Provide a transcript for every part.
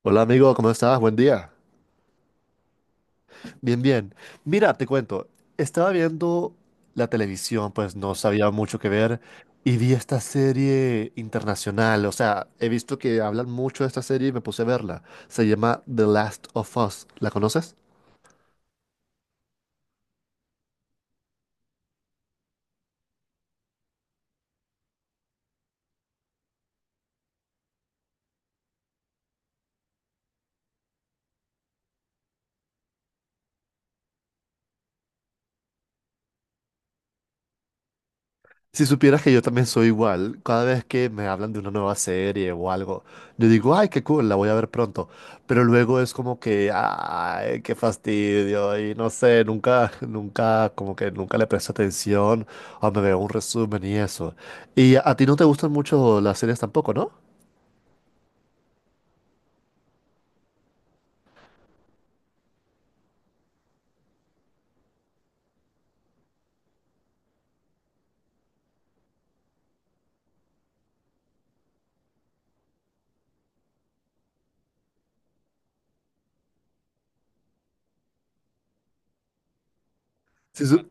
Hola amigo, ¿cómo estás? Buen día. Bien, bien. Mira, te cuento, estaba viendo la televisión, pues no sabía mucho que ver y vi esta serie internacional, o sea, he visto que hablan mucho de esta serie y me puse a verla. Se llama The Last of Us, ¿la conoces? Si supieras que yo también soy igual, cada vez que me hablan de una nueva serie o algo, yo digo, ay, qué cool, la voy a ver pronto. Pero luego es como que, ay, qué fastidio, y no sé, nunca, nunca, como que nunca le presto atención o me veo un resumen y eso. Y a ti no te gustan mucho las series tampoco, ¿no? Si, su-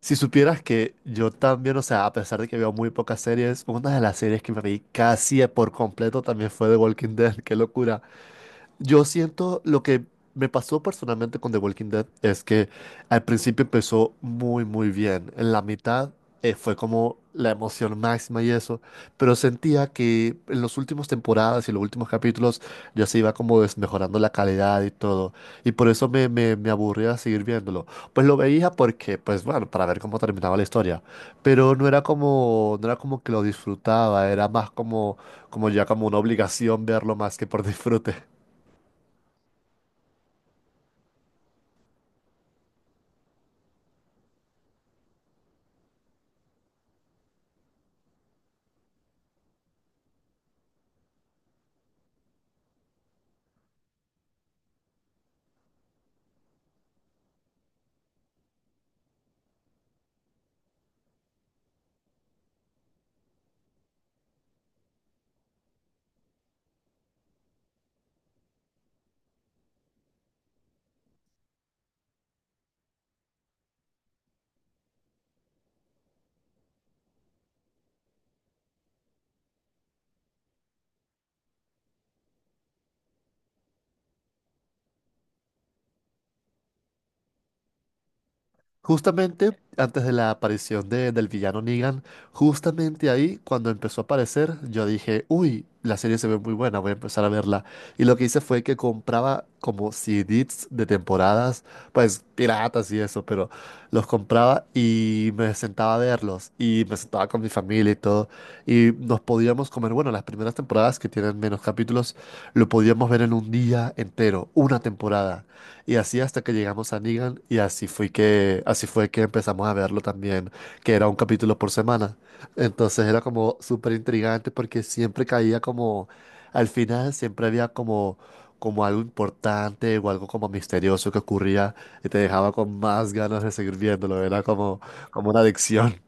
si supieras que yo también, o sea, a pesar de que veo muy pocas series, una de las series que me vi casi por completo también fue The Walking Dead, qué locura. Yo siento lo que me pasó personalmente con The Walking Dead es que al principio empezó muy, muy bien. En la mitad fue como la emoción máxima y eso, pero sentía que en las últimas temporadas y los últimos capítulos ya se iba como desmejorando la calidad y todo. Y por eso me aburría seguir viéndolo. Pues lo veía porque, pues bueno, para ver cómo terminaba la historia. Pero no era como, no era como que lo disfrutaba, era más como, como ya como una obligación verlo más que por disfrute. Justamente antes de la aparición del villano Negan, justamente ahí cuando empezó a aparecer, yo dije, uy, la serie se ve muy buena, voy a empezar a verla. Y lo que hice fue que compraba como CDs de temporadas, pues piratas y eso, pero los compraba y me sentaba a verlos y me sentaba con mi familia y todo. Y nos podíamos comer, bueno, las primeras temporadas que tienen menos capítulos, lo podíamos ver en un día entero, una temporada. Y así hasta que llegamos a Negan y así fue que empezamos a verlo también, que era un capítulo por semana. Entonces era como súper intrigante porque siempre caía como, al final siempre había como, como algo importante o algo como misterioso que ocurría y te dejaba con más ganas de seguir viéndolo. Era como, como una adicción.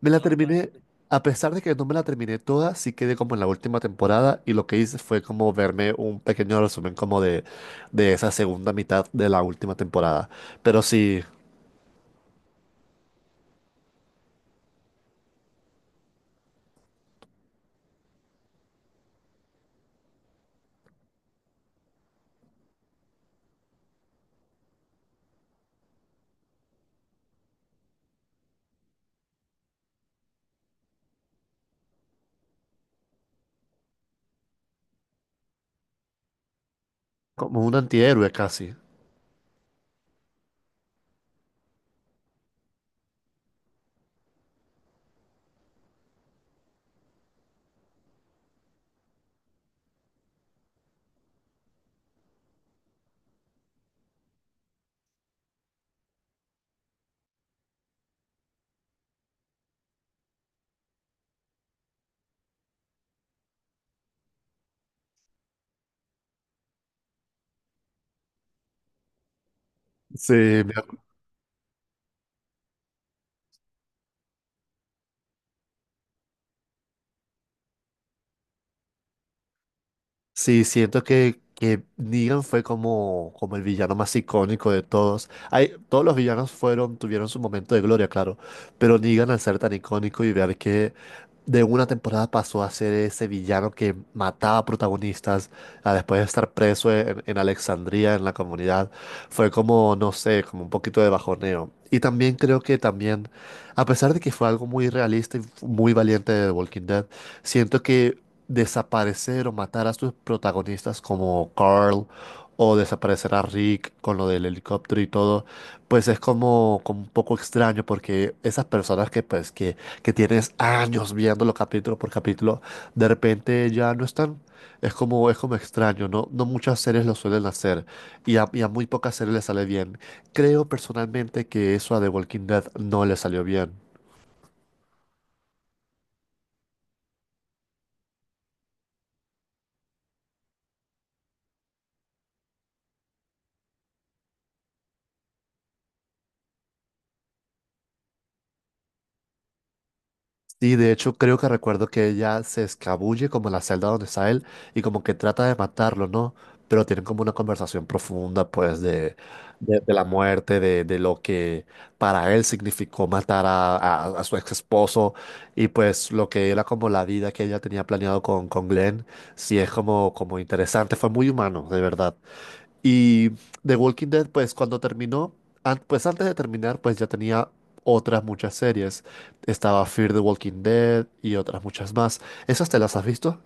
Me la Ah, vale. terminé, a pesar de que no me la terminé toda, sí quedé como en la última temporada y lo que hice fue como verme un pequeño resumen como de esa segunda mitad de la última temporada. Pero sí, como un antihéroe casi. Sí, me Sí, siento que Negan fue como, como el villano más icónico de todos. Hay, todos los villanos fueron, tuvieron su momento de gloria, claro, pero Negan al ser tan icónico y ver que de una temporada pasó a ser ese villano que mataba protagonistas a después de estar preso en Alexandría, en la comunidad, fue como, no sé, como un poquito de bajoneo. Y también creo que también, a pesar de que fue algo muy realista y muy valiente de The Walking Dead, siento que desaparecer o matar a sus protagonistas como Carl o desaparecer a Rick con lo del helicóptero y todo, pues es como, como un poco extraño porque esas personas que tienes años viéndolo capítulo por capítulo, de repente ya no están. Es como extraño, ¿no? No muchas series lo suelen hacer y a muy pocas series les sale bien. Creo personalmente que eso a The Walking Dead no le salió bien. Sí, de hecho creo que recuerdo que ella se escabulle como en la celda donde está él y como que trata de matarlo, ¿no? Pero tienen como una conversación profunda, pues, de la muerte, de lo que para él significó matar a, a su ex esposo y pues lo que era como la vida que ella tenía planeado con Glenn, sí es como, como interesante, fue muy humano, de verdad. Y The Walking Dead, pues cuando terminó, pues antes de terminar, pues ya tenía otras muchas series. Estaba Fear the Walking Dead y otras muchas más. ¿Esas te las has visto?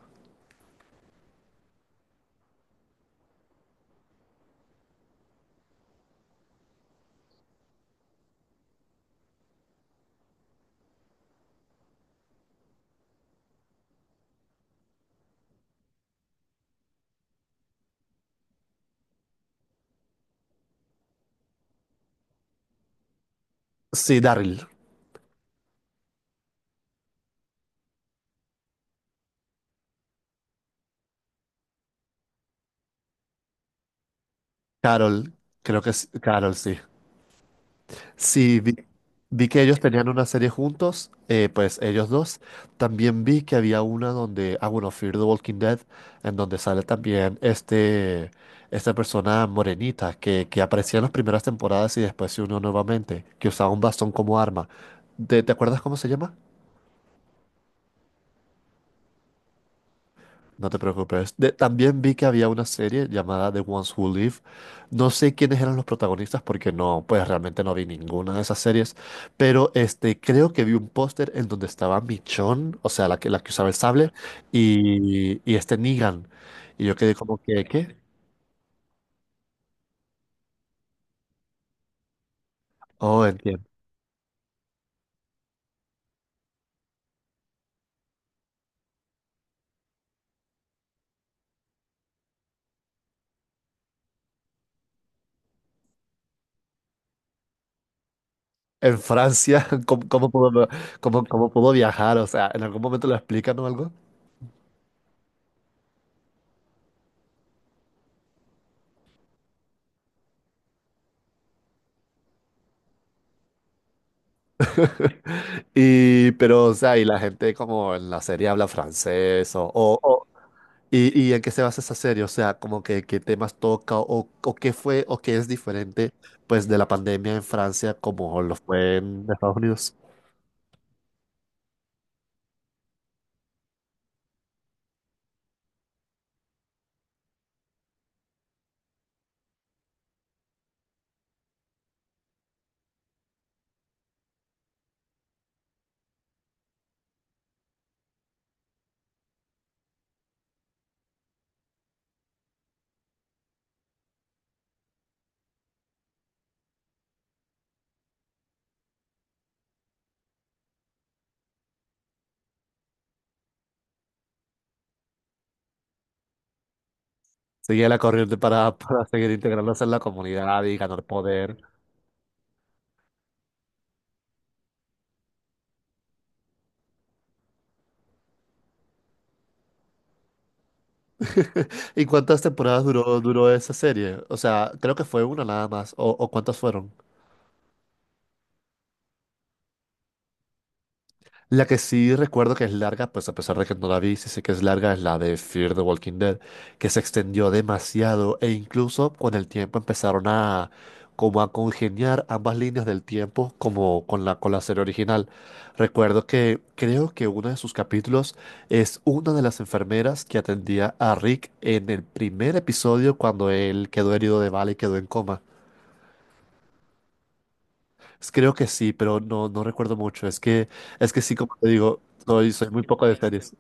Sí, Daryl. Carol, creo que es Carol, sí. Sí, vi que ellos tenían una serie juntos, pues ellos dos. También vi que había una donde, ah, bueno, Fear the Walking Dead, en donde sale también este, esta persona morenita que aparecía en las primeras temporadas y después se unió nuevamente, que usaba un bastón como arma. Te acuerdas cómo se llama? No te preocupes. También vi que había una serie llamada The Ones Who Live. No sé quiénes eran los protagonistas porque no, pues realmente no vi ninguna de esas series. Pero este, creo que vi un póster en donde estaba Michonne, o sea, la que usaba el sable, y este Negan. Y yo quedé como que, ¿qué? Oh, entiendo. En Francia, ¿cómo, cómo pudo, cómo, cómo puedo viajar? O sea, ¿en algún momento lo explican o algo? Y, pero, o sea, y la gente como en la serie habla francés o- ¿Y, y en qué se basa esa serie? O sea, como que qué temas toca o qué fue o qué es diferente pues de la pandemia en Francia como lo fue en Estados Unidos. Seguía la corriente para, para seguir integrándose en la comunidad y ganar poder. ¿Y cuántas temporadas duró, duró esa serie? O sea, creo que fue una nada más. O cuántas fueron? La que sí recuerdo que es larga, pues a pesar de que no la vi, sí sé que es larga, es la de Fear the Walking Dead, que se extendió demasiado e incluso con el tiempo empezaron a como a congeniar ambas líneas del tiempo como con la serie original. Recuerdo que creo que uno de sus capítulos es una de las enfermeras que atendía a Rick en el primer episodio cuando él quedó herido de bala y quedó en coma. Es Creo que sí, pero no, no recuerdo mucho. Es que sí, como te digo, soy, soy muy poco de series.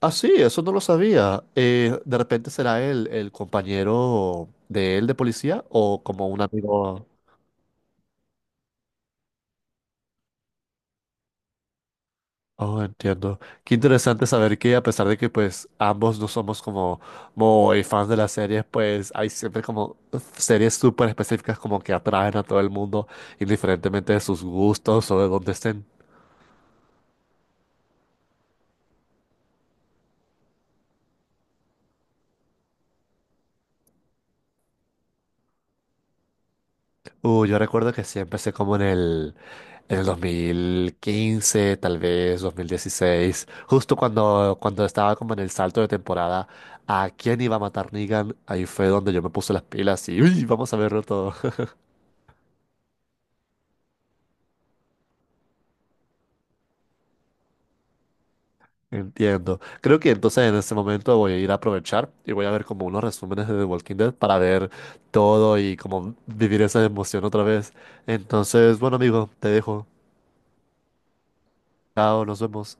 Ah, sí, eso no lo sabía. De repente será él el compañero de él de policía o como un amigo. Oh, entiendo. Qué interesante saber que a pesar de que pues ambos no somos como muy fans de las series, pues hay siempre como series súper específicas como que atraen a todo el mundo, indiferentemente de sus gustos o de dónde estén. Yo recuerdo que sí empecé como en en el 2015, tal vez 2016, justo cuando, cuando estaba como en el salto de temporada, ¿a quién iba a matar Negan? Ahí fue donde yo me puse las pilas y uy, vamos a verlo todo. Entiendo. Creo que entonces en este momento voy a ir a aprovechar y voy a ver como unos resúmenes de The Walking Dead para ver todo y como vivir esa emoción otra vez. Entonces, bueno amigo, te dejo. Chao, nos vemos.